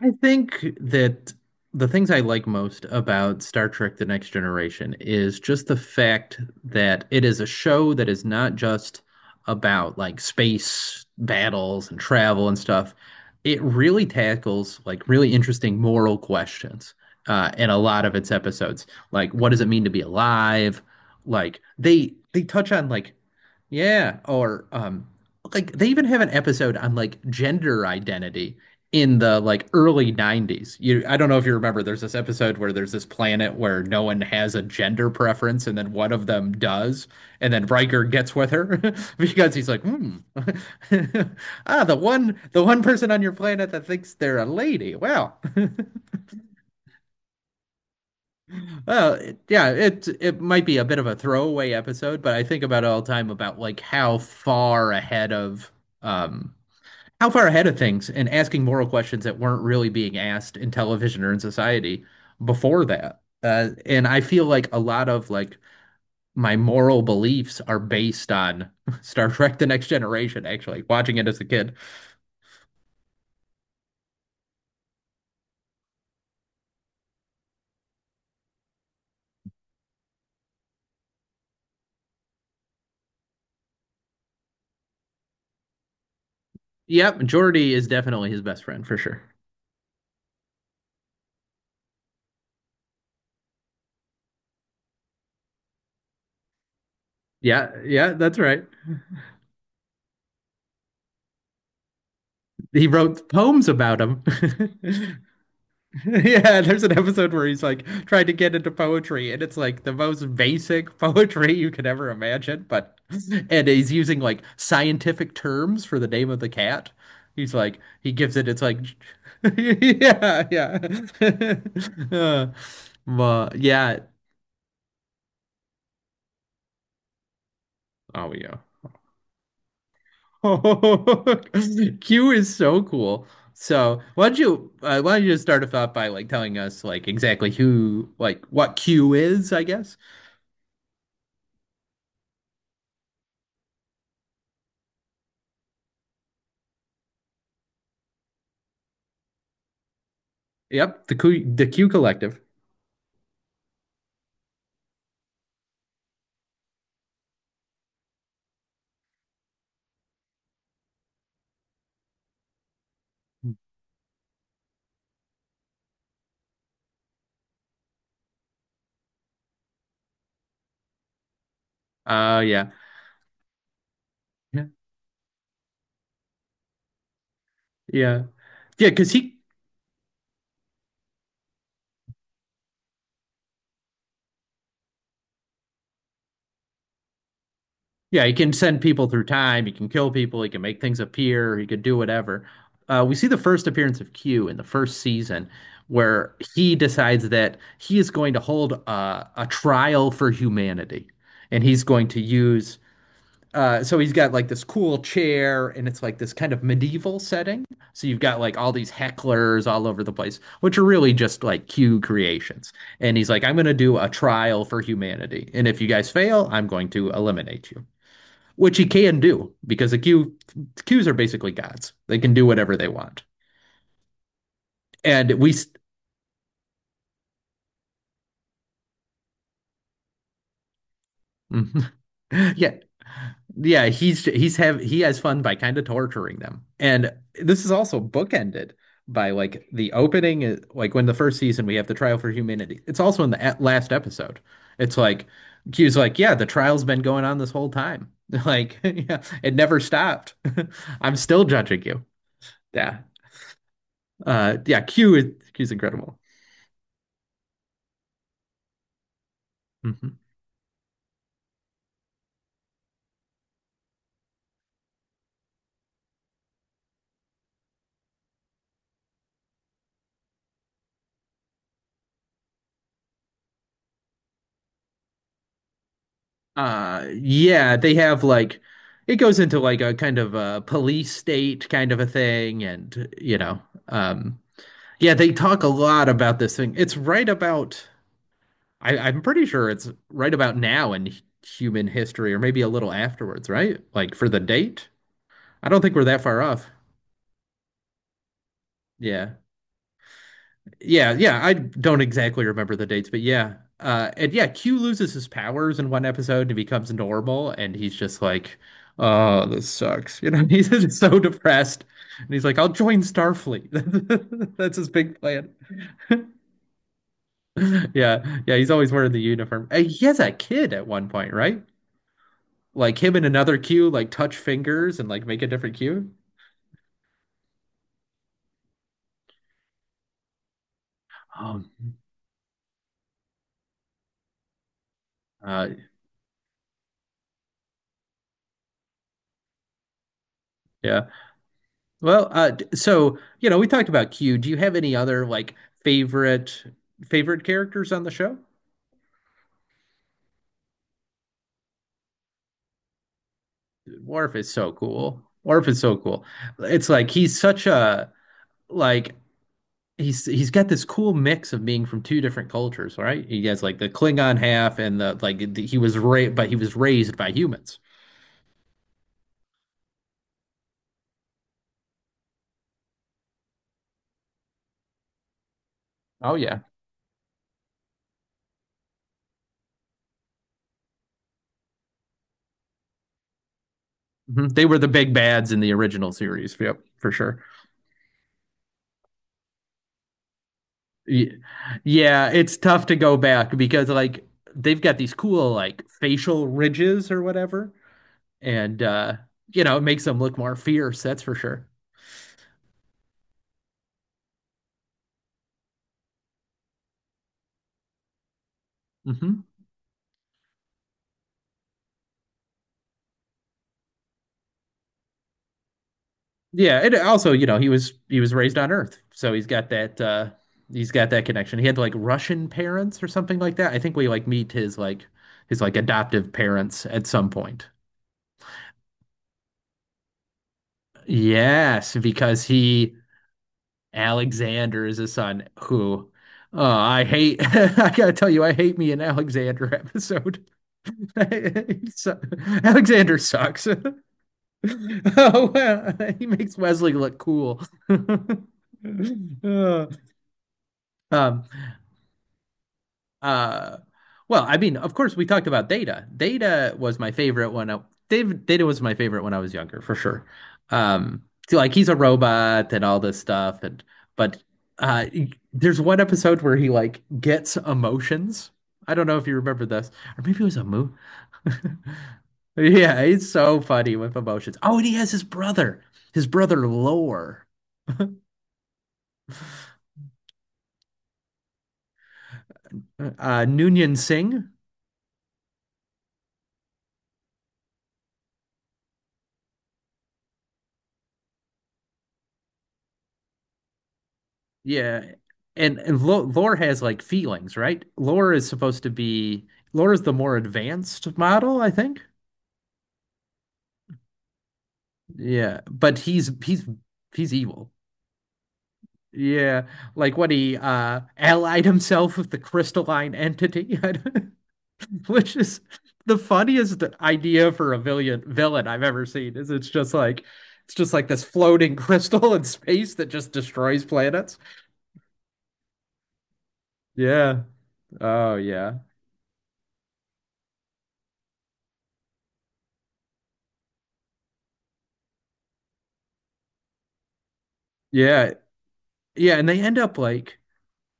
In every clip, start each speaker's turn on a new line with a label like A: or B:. A: I think that the things I like most about Star Trek: The Next Generation is just the fact that it is a show that is not just about, like, space battles and travel and stuff. It really tackles, like, really interesting moral questions in a lot of its episodes. Like, what does it mean to be alive? Like, they touch on, like, yeah, or like they even have an episode on, like, gender identity in the, like, early 90s. You I don't know if you remember, there's this episode where there's this planet where no one has a gender preference, and then one of them does, and then Riker gets with her because he's like, "Hmm." "Ah, the one person on your planet that thinks they're a lady. Wow." Well, yeah, it might be a bit of a throwaway episode, but I think about it all the time about, like, um how far ahead of things and asking moral questions that weren't really being asked in television or in society before that. And I feel like a lot of, like, my moral beliefs are based on Star Trek: The Next Generation, actually, watching it as a kid. Yep, Geordi is definitely his best friend for sure. Yeah, yeah, that's right. He wrote poems about him. Yeah, there's an episode where he's like trying to get into poetry, and it's like the most basic poetry you could ever imagine. But and he's using, like, scientific terms for the name of the cat. He's like he gives it. It's like yeah, yeah. Uh, but yeah. Oh yeah. Q is so cool. So, why don't you just start us off by, like, telling us, like, exactly who like what Q is, I guess. Yep, the Q Collective. Yeah. Yeah. Yeah. Yeah. Because he yeah, he can send people through time, he can kill people, he can make things appear, he can do whatever. We see the first appearance of Q in the first season, where he decides that he is going to hold a trial for humanity. And he's going to use So he's got, like, this cool chair, and it's like this kind of medieval setting. So you've got, like, all these hecklers all over the place, which are really just like Q creations. And he's like, "I'm going to do a trial for humanity, and if you guys fail, I'm going to eliminate you," which he can do because the Q Qs are basically gods. They can do whatever they want. And we Mhm. Yeah. Yeah, he has fun by kind of torturing them. And this is also bookended by, like, the opening like when the first season we have the trial for humanity. It's also in the at last episode. It's like Q's like, "Yeah, the trial's been going on this whole time." Like, yeah, it never stopped. I'm still judging you. Yeah. Yeah, Q's incredible. Mm-hmm. Yeah, they have, like, it goes into, like, a kind of a police state kind of a thing, and, you know, um, yeah, they talk a lot about this thing. It's right about I, I'm pretty sure it's right about now in human history, or maybe a little afterwards, right? Like for the date. I don't think we're that far off. Yeah. Yeah, yeah, I don't exactly remember the dates, but yeah. And yeah, Q loses his powers in one episode and becomes normal, and he's just like, "Oh, this sucks." You know, he's just so depressed. And he's like, "I'll join Starfleet." That's his big plan. Yeah. Yeah, he's always wearing the uniform. And he has a kid at one point, right? Like him and another Q like touch fingers and, like, make a different Q. Oh, uh yeah. Well, so, you know, we talked about Q. Do you have any other, like, favorite favorite characters on the show? Worf is so cool. Worf is so cool. It's like he's such a, like, he's got this cool mix of being from two different cultures, right? He has, like, the Klingon half and the, like, the, he was raised, but he was raised by humans. Oh yeah. Mhm. They were the big bads in the original series. Yep, for sure. Y- Yeah, it's tough to go back because, like, they've got these cool, like, facial ridges or whatever, and you know, it makes them look more fierce, that's for sure. Hmm. Yeah, and also, you know, he was raised on Earth, so he's got that connection. He had, like, Russian parents or something like that. I think we, like, meet his, like, his like adoptive parents at some point. Yes, because he Alexander is his son, who I hate. I gotta tell you, I hate me an Alexander episode. So- Alexander sucks. Oh, well, he makes Wesley look cool. Uh, um, Uh, well, I mean, of course, we talked about Data. Data was my favorite when I, David, Data was my favorite when I was younger, for sure. Um, so, like, he's a robot and all this stuff, and but uh, there's one episode where he, like, gets emotions. I don't know if you remember this, or maybe it was a movie. Yeah, he's so funny with emotions. Oh, and he has his brother Lore, Noonien Singh. Yeah. And Lore has, like, feelings, right? Lore is supposed to be Lore is the more advanced model, I think. Yeah, but he's evil. Yeah, like when he allied himself with the crystalline entity, which is the funniest idea for a villain I've ever seen. Is it's just like this floating crystal in space that just destroys planets. Yeah. Oh yeah. Yeah. Yeah. and they end up like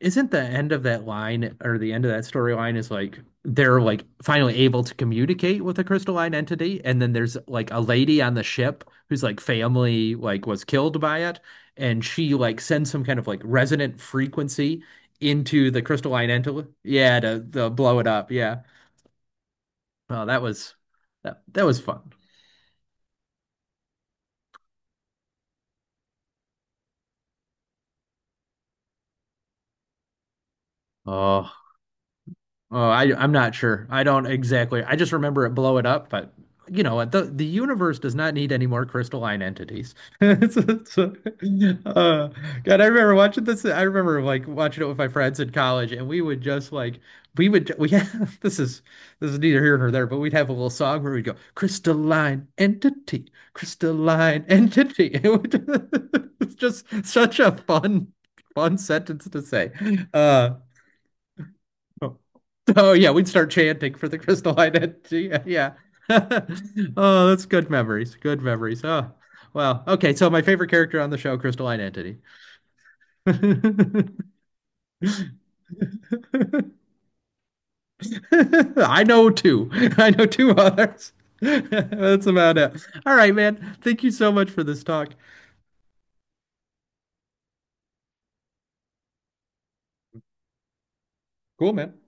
A: Isn't the end of that line, or the end of that storyline, is like they're, like, finally able to communicate with a crystalline entity, and then there's, like, a lady on the ship whose, like, family, like, was killed by it, and she, like, sends some kind of, like, resonant frequency into the crystalline entity, yeah, to blow it up, yeah. Oh, that was fun. Oh. Oh, I'm not sure. I don't exactly. I just remember it blow it up, but you know what? The universe does not need any more crystalline entities. It's- it's- uh, God, I remember watching this. I remember, like, watching it with my friends in college, and we would just, like, we have this is neither here nor there, but we'd have a little song where we'd go crystalline entity, crystalline entity. It's just such a fun fun sentence to say. Uh, Oh yeah, we'd start chanting for the crystal identity. Yeah. Oh, that's good memories. Good memories. Oh, wow. Okay, so my favorite character on the show, Crystal Identity. I know two. I know two others. That's about it. All right, man. Thank you so much for this talk. Cool, man.